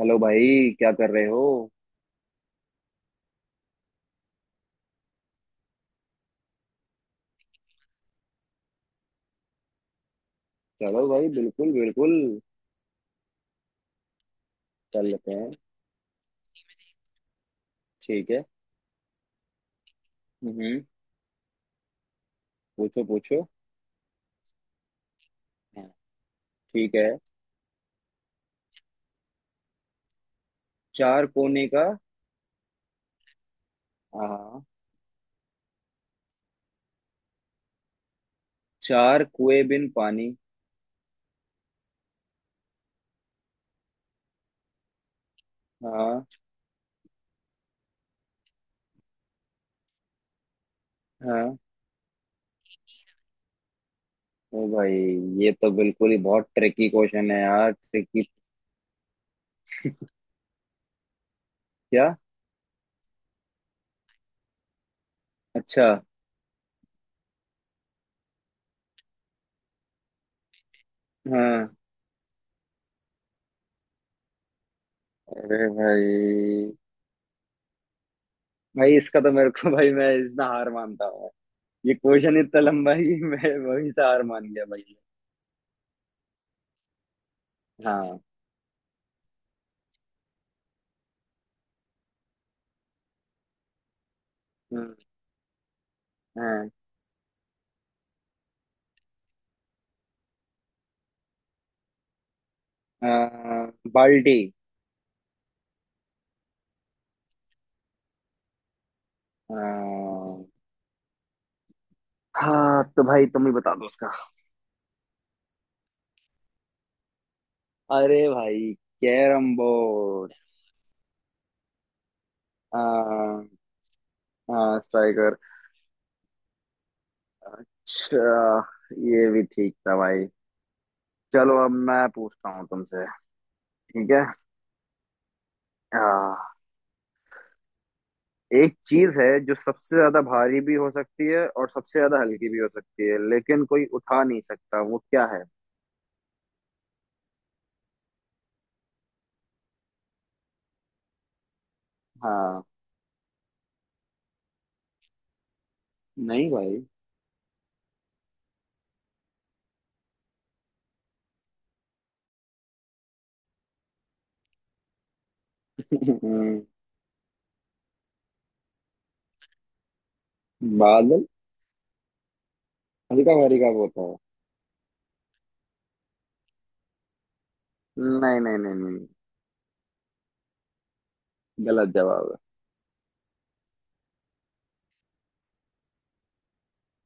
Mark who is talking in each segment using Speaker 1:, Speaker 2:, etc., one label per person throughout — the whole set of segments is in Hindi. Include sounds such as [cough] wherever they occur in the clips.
Speaker 1: हेलो भाई, क्या कर रहे हो। चलो भाई, बिल्कुल बिल्कुल। कर लेते हैं। ठीक है। हम्म। पूछो पूछो। हाँ, ठीक है। चार कोने का। हाँ। चार कुएं बिन पानी। हाँ। हाँ, ओ भाई, ये तो बिल्कुल ही बहुत ट्रिकी क्वेश्चन है यार, ट्रिकी। क्या। अच्छा। हाँ। अरे भाई, भाई इसका तो मेरे को [laughs] भाई मैं इसमें हार मानता हूँ। ये क्वेश्चन इतना लंबा है कि मैं वहीं से हार मान गया भाई। हाँ। हम्म, हाँ। बर्डे। हाँ। हाँ, तो भाई तुम ही बता दो उसका। अरे भाई, कैरम बोर्ड। हाँ। हाँ, स्ट्राइकर। अच्छा, ये भी ठीक था भाई। चलो, अब मैं पूछता हूँ तुमसे। ठीक है। हाँ, एक चीज है जो सबसे ज्यादा भारी भी हो सकती है और सबसे ज्यादा हल्की भी हो सकती है, लेकिन कोई उठा नहीं सकता। वो क्या है। हाँ। नहीं भाई। [laughs] हम्म, बादल। हल्का भारी का होता है। नहीं नहीं नहीं नहीं, गलत जवाब है।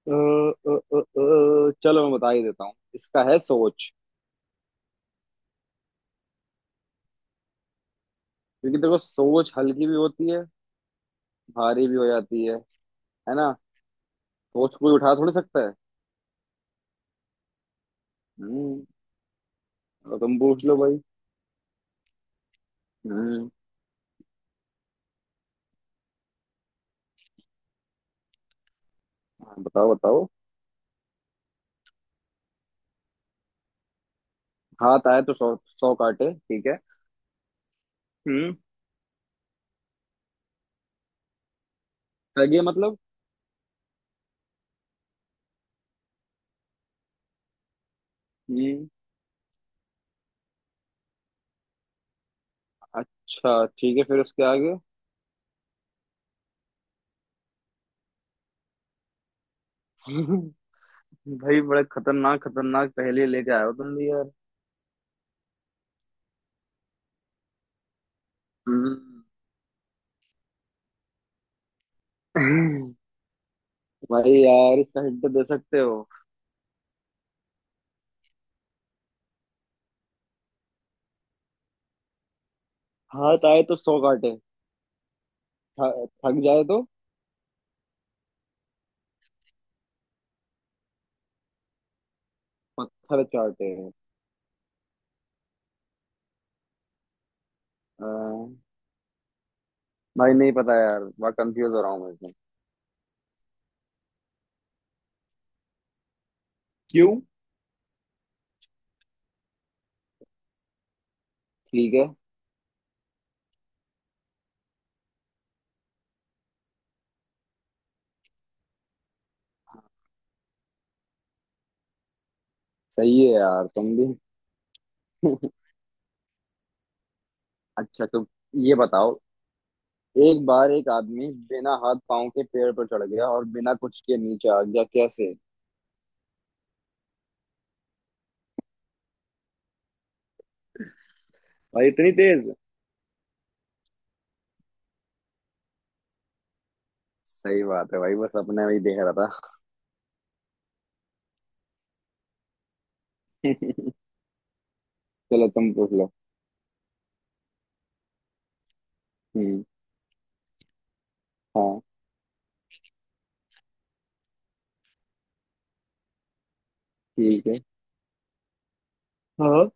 Speaker 1: चलो मैं बता ही देता हूँ। इसका है सोच। क्योंकि देखो, सोच हल्की भी होती है, भारी भी हो जाती है। है ना। सोच कोई उठा थोड़ी सकता है। हम्म। अब तुम पूछ लो भाई। हम्म। हाँ, बताओ बताओ। हाथ आए तो सौ, सौ काटे, ठीक है। हम्म। सही है, मतलब। हम्म। अच्छा ठीक है, फिर उसके आगे। [laughs] भाई, बड़े खतरनाक खतरनाक पहेली लेके आए हो तुम भी यार। हम्म। [laughs] भाई यार, इसका हिंट दे सकते हो। हाथ आए तो सौ काटे। थक जाए तो पत्थर चाटे। आ, भाई नहीं पता यार, बड़ा कंफ्यूज हो रहा हूँ मैं इसमें। क्यों। ठीक है। सही है यार तुम भी। [laughs] अच्छा, तो ये बताओ। एक बार एक आदमी बिना हाथ पांव के पेड़ पर चढ़ गया, और बिना कुछ के नीचे आ गया। कैसे। भाई इतनी तेज। सही बात है भाई, बस अपने में ही देख रहा था। [laughs] चलो तुम पूछ लो। हम्म। हाँ। ठीक है। हाँ।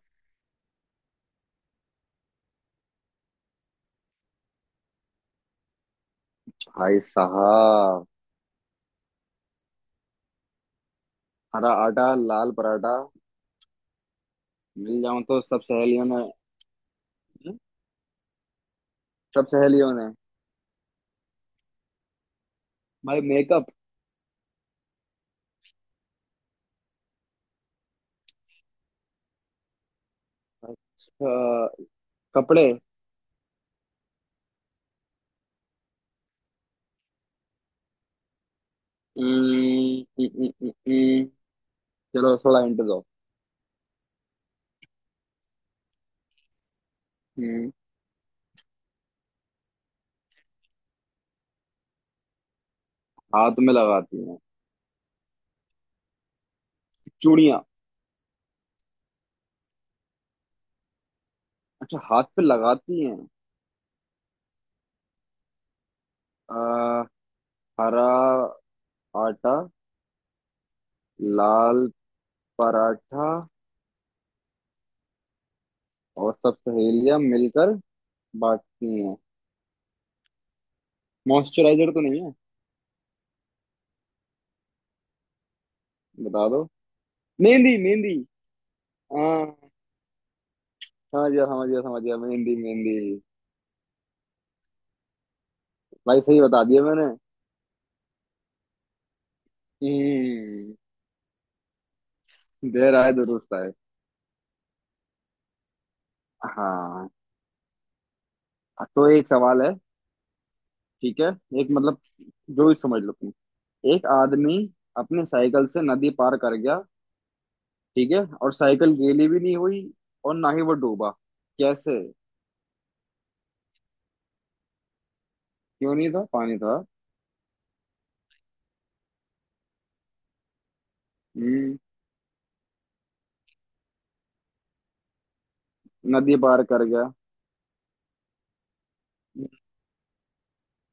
Speaker 1: भाई साहब, हरा आटा, लाल पराठा, मिल जाऊं तो सब सहेलियों ने। हम्म? सब सहेलियों ने। भाई, मेकअप। कपड़े। हम्म, हम्म, हम्म, हम्म, हम्म। चलो थोड़ा हिंट दो। हम्म, हाथ में लगाती हैं। चूड़ियां। अच्छा, हाथ पे लगाती हैं। अ, हरा आटा, लाल पराठा, और सब सहेलियां मिलकर बांटती हैं। मॉइस्चराइजर तो नहीं है। बता दो। मेहंदी मेहंदी। हाँ, समझ गया समझ गया समझ गया, मेहंदी मेहंदी। भाई, सही बता दिया मैंने। हम्म। देर आए दुरुस्त आए। हाँ, तो एक सवाल है। ठीक है, एक मतलब, जो भी समझ लो तुम। एक आदमी अपने साइकिल से नदी पार कर गया। ठीक है, और साइकिल गीली भी नहीं हुई, और ना ही वो डूबा। कैसे। क्यों नहीं था, पानी था। हम्म। नदी पार कर गया। हम्म,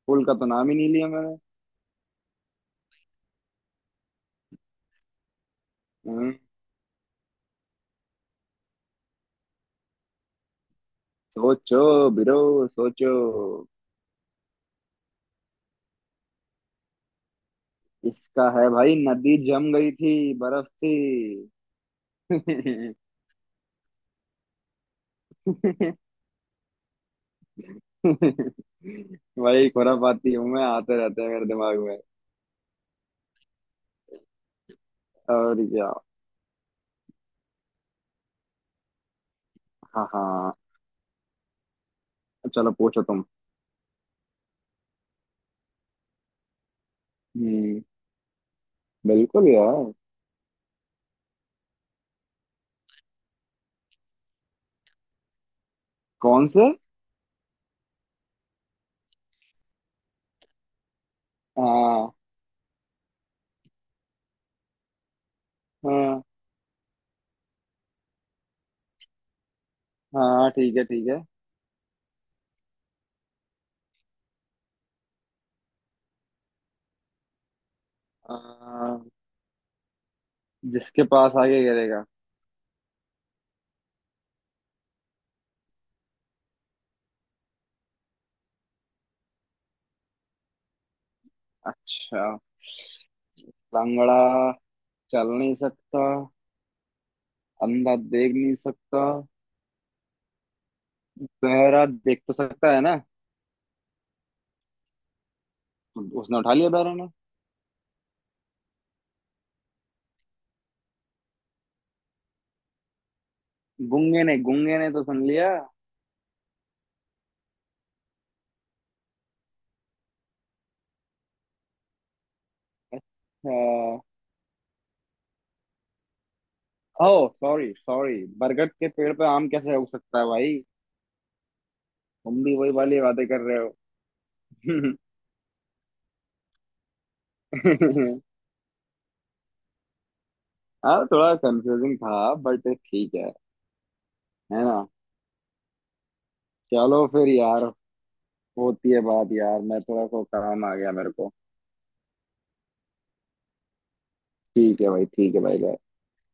Speaker 1: पुल का तो नाम ही नहीं लिया मैंने। हम्म। सोचो बिरो सोचो। इसका है भाई, नदी जम गई थी, बर्फ थी। [laughs] भाई, खुरापाती हूँ मैं, आते रहते हैं मेरे दिमाग। और या। हाँ हाँ, चलो पूछो तुम। हम्म। बिल्कुल यार। कौन से। हाँ। हाँ। हाँ ठीक है, ठीक है। आ, जिसके पास आगे गिरेगा। अच्छा, लंगड़ा चल नहीं सकता, अंधा देख नहीं सकता। बहरा देख तो सकता है ना। उसने उठा लिया, बहरा ने। गूंगे ने, गूंगे ने तो सुन लिया। अच्छा, ओ सॉरी सॉरी, बरगद के पेड़ पे आम कैसे उग सकता है भाई। तुम भी वही वाली बातें कर रहे हो। [laughs] [laughs] हाँ, थोड़ा कंफ्यूजिंग था बट ठीक है। है ना। चलो फिर यार। होती है बात यार, मैं थोड़ा को काम आ गया मेरे को। ठीक है भाई, ठीक है भाई।